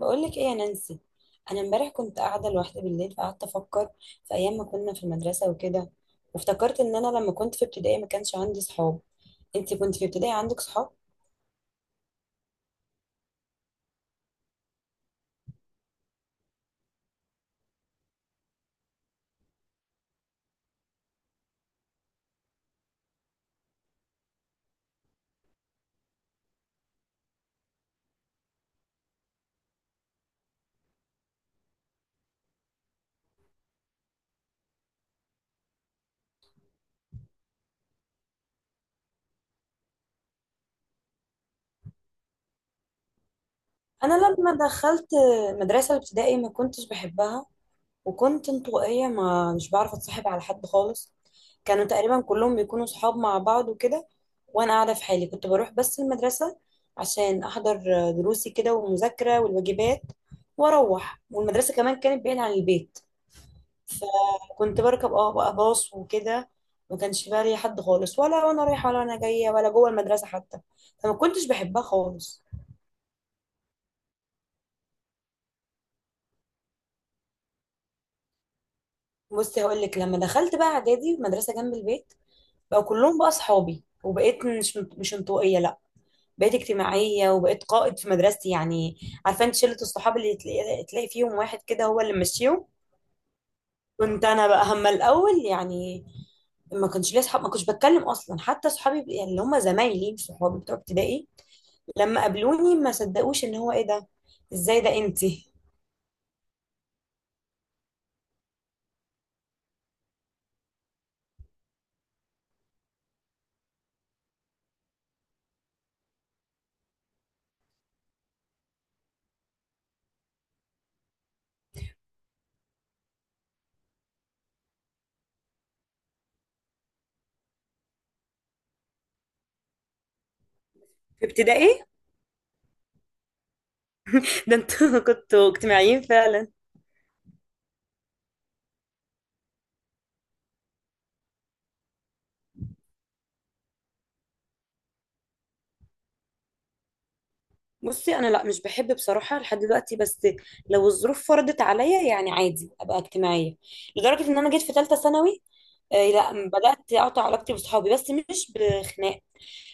بقولك ايه يا نانسي؟ انا امبارح كنت قاعده لوحدي بالليل، فقعدت افكر في ايام ما كنا في المدرسه وكده. وافتكرت ان انا لما كنت في ابتدائي ما كانش عندي صحاب. انتي كنت في ابتدائي عندك صحاب؟ انا لما دخلت مدرسه الابتدائي ما كنتش بحبها، وكنت انطوائيه، ما مش بعرف اتصاحب على حد خالص. كانوا تقريبا كلهم بيكونوا صحاب مع بعض وكده، وانا قاعده في حالي. كنت بروح بس المدرسه عشان احضر دروسي كده، والمذاكره والواجبات، واروح. والمدرسه كمان كانت بعيد عن البيت، فكنت بركب بقى باص وكده. ما كانش بقى لي حد خالص، ولا وانا رايحه ولا انا جايه ولا جوه المدرسه حتى. فما كنتش بحبها خالص. بصي هقول لك، لما دخلت بقى اعدادي مدرسه جنب البيت، بقى كلهم بقى اصحابي، وبقيت مش انطوائيه، لا، بقيت اجتماعيه، وبقيت قائد في مدرستي يعني. عارفه انت شله الصحاب اللي تلاقي تلاقي فيهم واحد كده هو اللي ماشيهم؟ كنت انا بقى هما الاول يعني. ما كانش ليا اصحاب، ما كنتش بتكلم اصلا حتى اصحابي، يعني اللي هم زمايلي مش صحابي بتوع ابتدائي. لما قابلوني ما صدقوش ان هو ايه ده، ازاي ده انتي؟ في ابتدائي ده انتوا كنتوا اجتماعيين فعلا. بصي انا لا، مش بحب بصراحه لحد دلوقتي، بس لو الظروف فرضت عليا، يعني عادي ابقى اجتماعيه. لدرجه ان انا جيت في ثالثه ثانوي، آه، لا، بدات اقطع علاقتي بصحابي بس مش بخناق.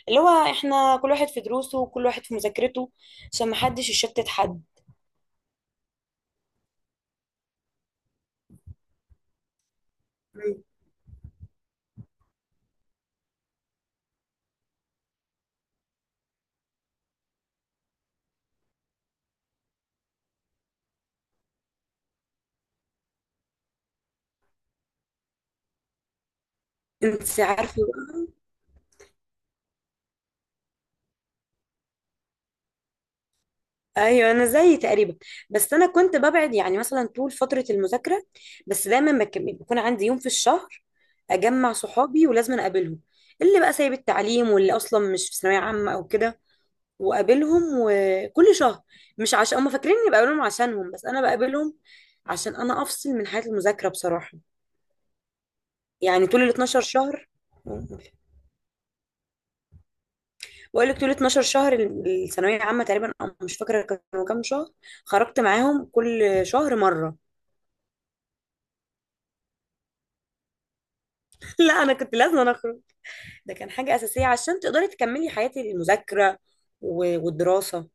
اللي هو احنا كل واحد في دروسه، وكل واحد في مذاكرته، عشان ما حدش يشتت حد. انت عارفه؟ ايوه، انا زيي تقريبا. بس انا كنت ببعد يعني مثلا طول فتره المذاكره، بس دايما بيكون عندي يوم في الشهر اجمع صحابي ولازم اقابلهم، اللي بقى سايب التعليم واللي اصلا مش في ثانويه عامه او كده، واقابلهم وكل شهر. مش عشان هم فاكرين اني بقابلهم عشانهم، بس انا بقابلهم عشان انا افصل من حياه المذاكره بصراحه. يعني طول ال 12 شهر، بقول لك طول 12 شهر الثانويه العامه تقريبا، أو مش فاكره كانوا كام شهر، خرجت معاهم كل شهر مره. لا انا كنت لازم أنا اخرج، ده كان حاجه اساسيه عشان تقدري تكملي حياتي المذاكره والدراسه.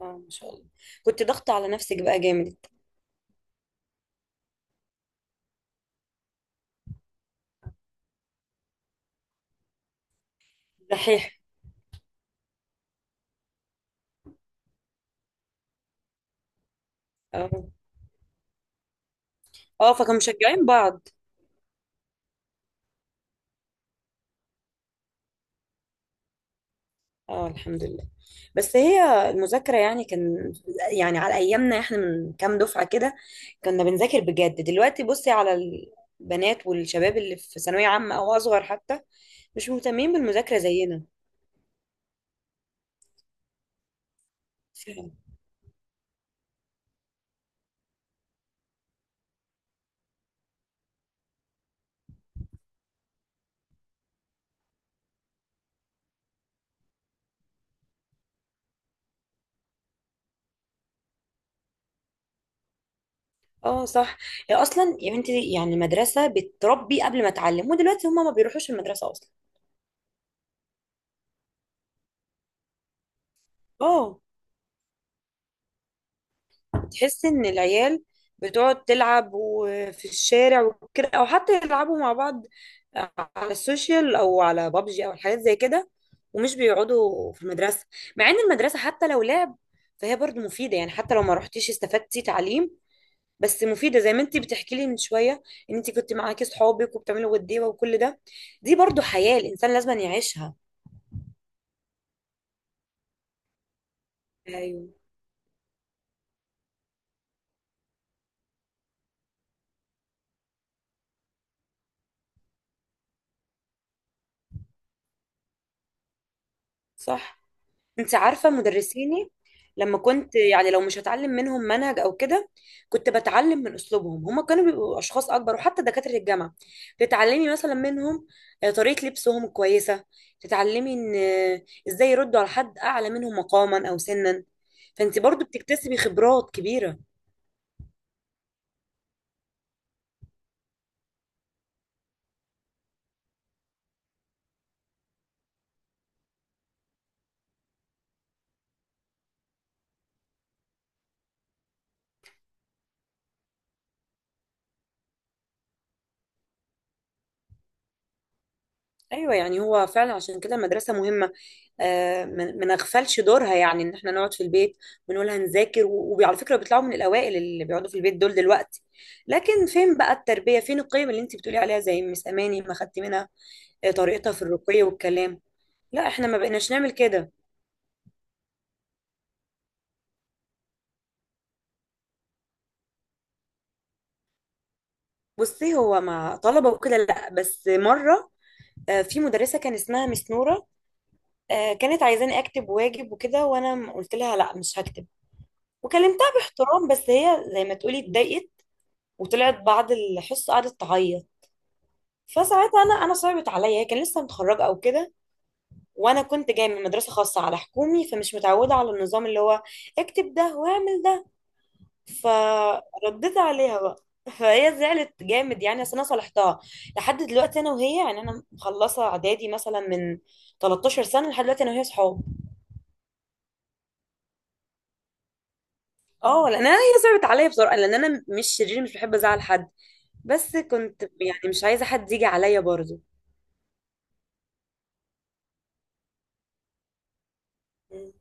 اه، ما شاء الله، كنت ضغط على نفسك بقى جامد. دحيح. اه. اه، فكانوا مشجعين بعض. اه، الحمد لله. بس هي المذاكره يعني كان، يعني على ايامنا احنا من كام دفعه كده، كنا بنذاكر بجد. دلوقتي بصي على البنات والشباب اللي في ثانويه عامه او اصغر حتى، مش مهتمين بالمذاكره زينا. اه صح. هي اصلا يا بنتي يعني المدرسه بتربي قبل ما تعلم، ودلوقتي هما ما بيروحوش المدرسه اصلا. اه. تحس ان العيال بتقعد تلعب وفي الشارع وكده، او حتى يلعبوا مع بعض على السوشيال او على بابجي او الحاجات زي كده، ومش بيقعدوا في المدرسه. مع ان المدرسه حتى لو لعب، فهي برضو مفيده، يعني حتى لو ما رحتيش استفدتي تعليم، بس مفيده، زي ما انت بتحكي لي من شويه ان انت كنت معاكي صحابك وبتعملوا وديوه وكل ده. دي برضو حياه الانسان لازم يعيشها. ايوه صح. انت عارفه مدرسيني لما كنت، يعني لو مش هتعلم منهم منهج او كده، كنت بتعلم من اسلوبهم. هما كانوا بيبقوا اشخاص اكبر، وحتى دكاتره الجامعه تتعلمي مثلا منهم، آه، طريقه لبسهم كويسه، تتعلمي ان، آه، ازاي يردوا على حد اعلى منهم مقاما او سنا. فانت برضو بتكتسبي خبرات كبيره. ايوه، يعني هو فعلا عشان كده المدرسه مهمه، آه، ما نغفلش دورها، يعني ان احنا نقعد في البيت ونقول هنذاكر وعلى فكره بيطلعوا من الاوائل اللي بيقعدوا في البيت دول دلوقتي، لكن فين بقى التربيه، فين القيم اللي انت بتقولي عليها زي مس اماني ما خدت منها، آه، طريقتها في الرقي والكلام. لا احنا ما بقيناش نعمل كده. بصي هو مع طلبه وكده لا، بس مره، آه، في مدرسه كان اسمها مس نوره، آه، كانت عايزاني اكتب واجب وكده، وانا قلت لها لا مش هكتب، وكلمتها باحترام، بس هي زي ما تقولي اتضايقت، وطلعت بعد الحصه قعدت تعيط. فساعتها انا صعبت عليا، هي كان لسه متخرجه او كده، وانا كنت جايه من مدرسه خاصه على حكومي، فمش متعوده على النظام اللي هو اكتب ده واعمل ده. فرديت عليها بقى، فهي زعلت جامد يعني، بس انا صالحتها. لحد دلوقتي انا وهي يعني، انا مخلصه اعدادي مثلا من 13 سنه، لحد دلوقتي انا وهي صحاب. اه، لان انا هي صعبت عليا بصراحه، لان انا مش شرير، مش بحب ازعل حد، بس كنت يعني مش عايزه حد يجي عليا برضه. مم،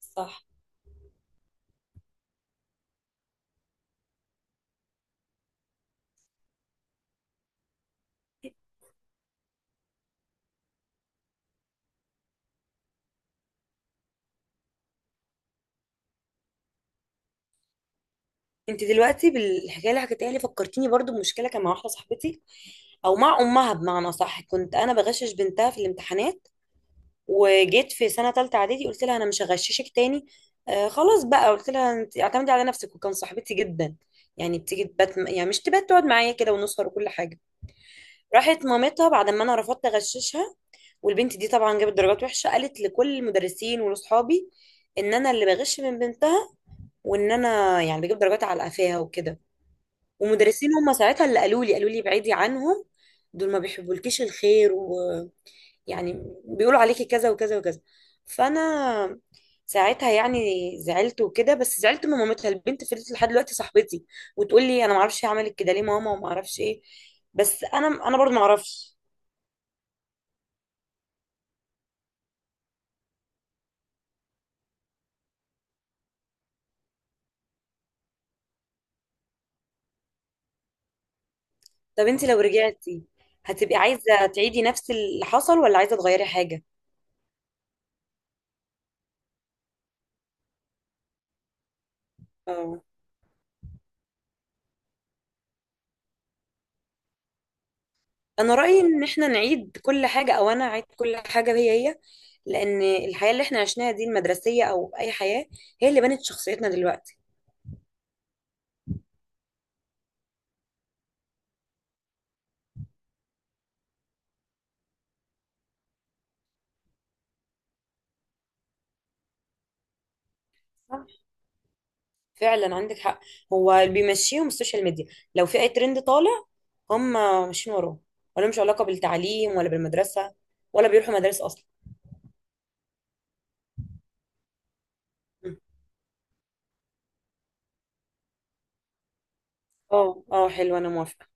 صح. انت دلوقتي بالحكايه اللي حكيتها لي فكرتيني برضو بمشكله كان مع واحده صاحبتي، او مع امها بمعنى صح. كنت انا بغشش بنتها في الامتحانات، وجيت في سنه ثالثه اعدادي قلت لها انا مش هغششك تاني، آه خلاص بقى، قلت لها انت اعتمدي على نفسك، وكان صاحبتي جدا، يعني بتيجي تبات، يعني مش تبات، تقعد معايا كده ونسهر وكل حاجه. راحت مامتها بعد ما انا رفضت اغششها، والبنت دي طبعا جابت درجات وحشه، قالت لكل المدرسين ولاصحابي ان انا اللي بغش من بنتها، وان انا يعني بجيب درجات على قفاها وكده. ومدرسين هم ساعتها اللي قالوا لي ابعدي عنهم، دول ما بيحبولكيش الخير، ويعني بيقولوا عليكي كذا وكذا وكذا. فانا ساعتها يعني زعلت وكده، بس زعلت من مامتها. البنت فضلت لحد دلوقتي صاحبتي، وتقول لي انا ما اعرفش هي عملت كده ليه ماما، وما اعرفش ايه، بس انا برضه ما اعرفش. طب انت لو رجعتي هتبقي عايزه تعيدي نفس اللي حصل ولا عايزه تغيري حاجه؟ اه، انا رايي ان احنا نعيد كل حاجه، او انا اعيد كل حاجه هي هي، لان الحياه اللي احنا عشناها دي المدرسيه او اي حياه، هي اللي بنت شخصيتنا دلوقتي. صح، فعلا عندك حق. هو اللي بيمشيهم السوشيال ميديا، لو في اي ترند طالع هم ماشيين وراه، ولا مش علاقه بالتعليم ولا بالمدرسه، ولا بيروحوا مدارس اصلا. م. اه، اه حلو، انا موافقه.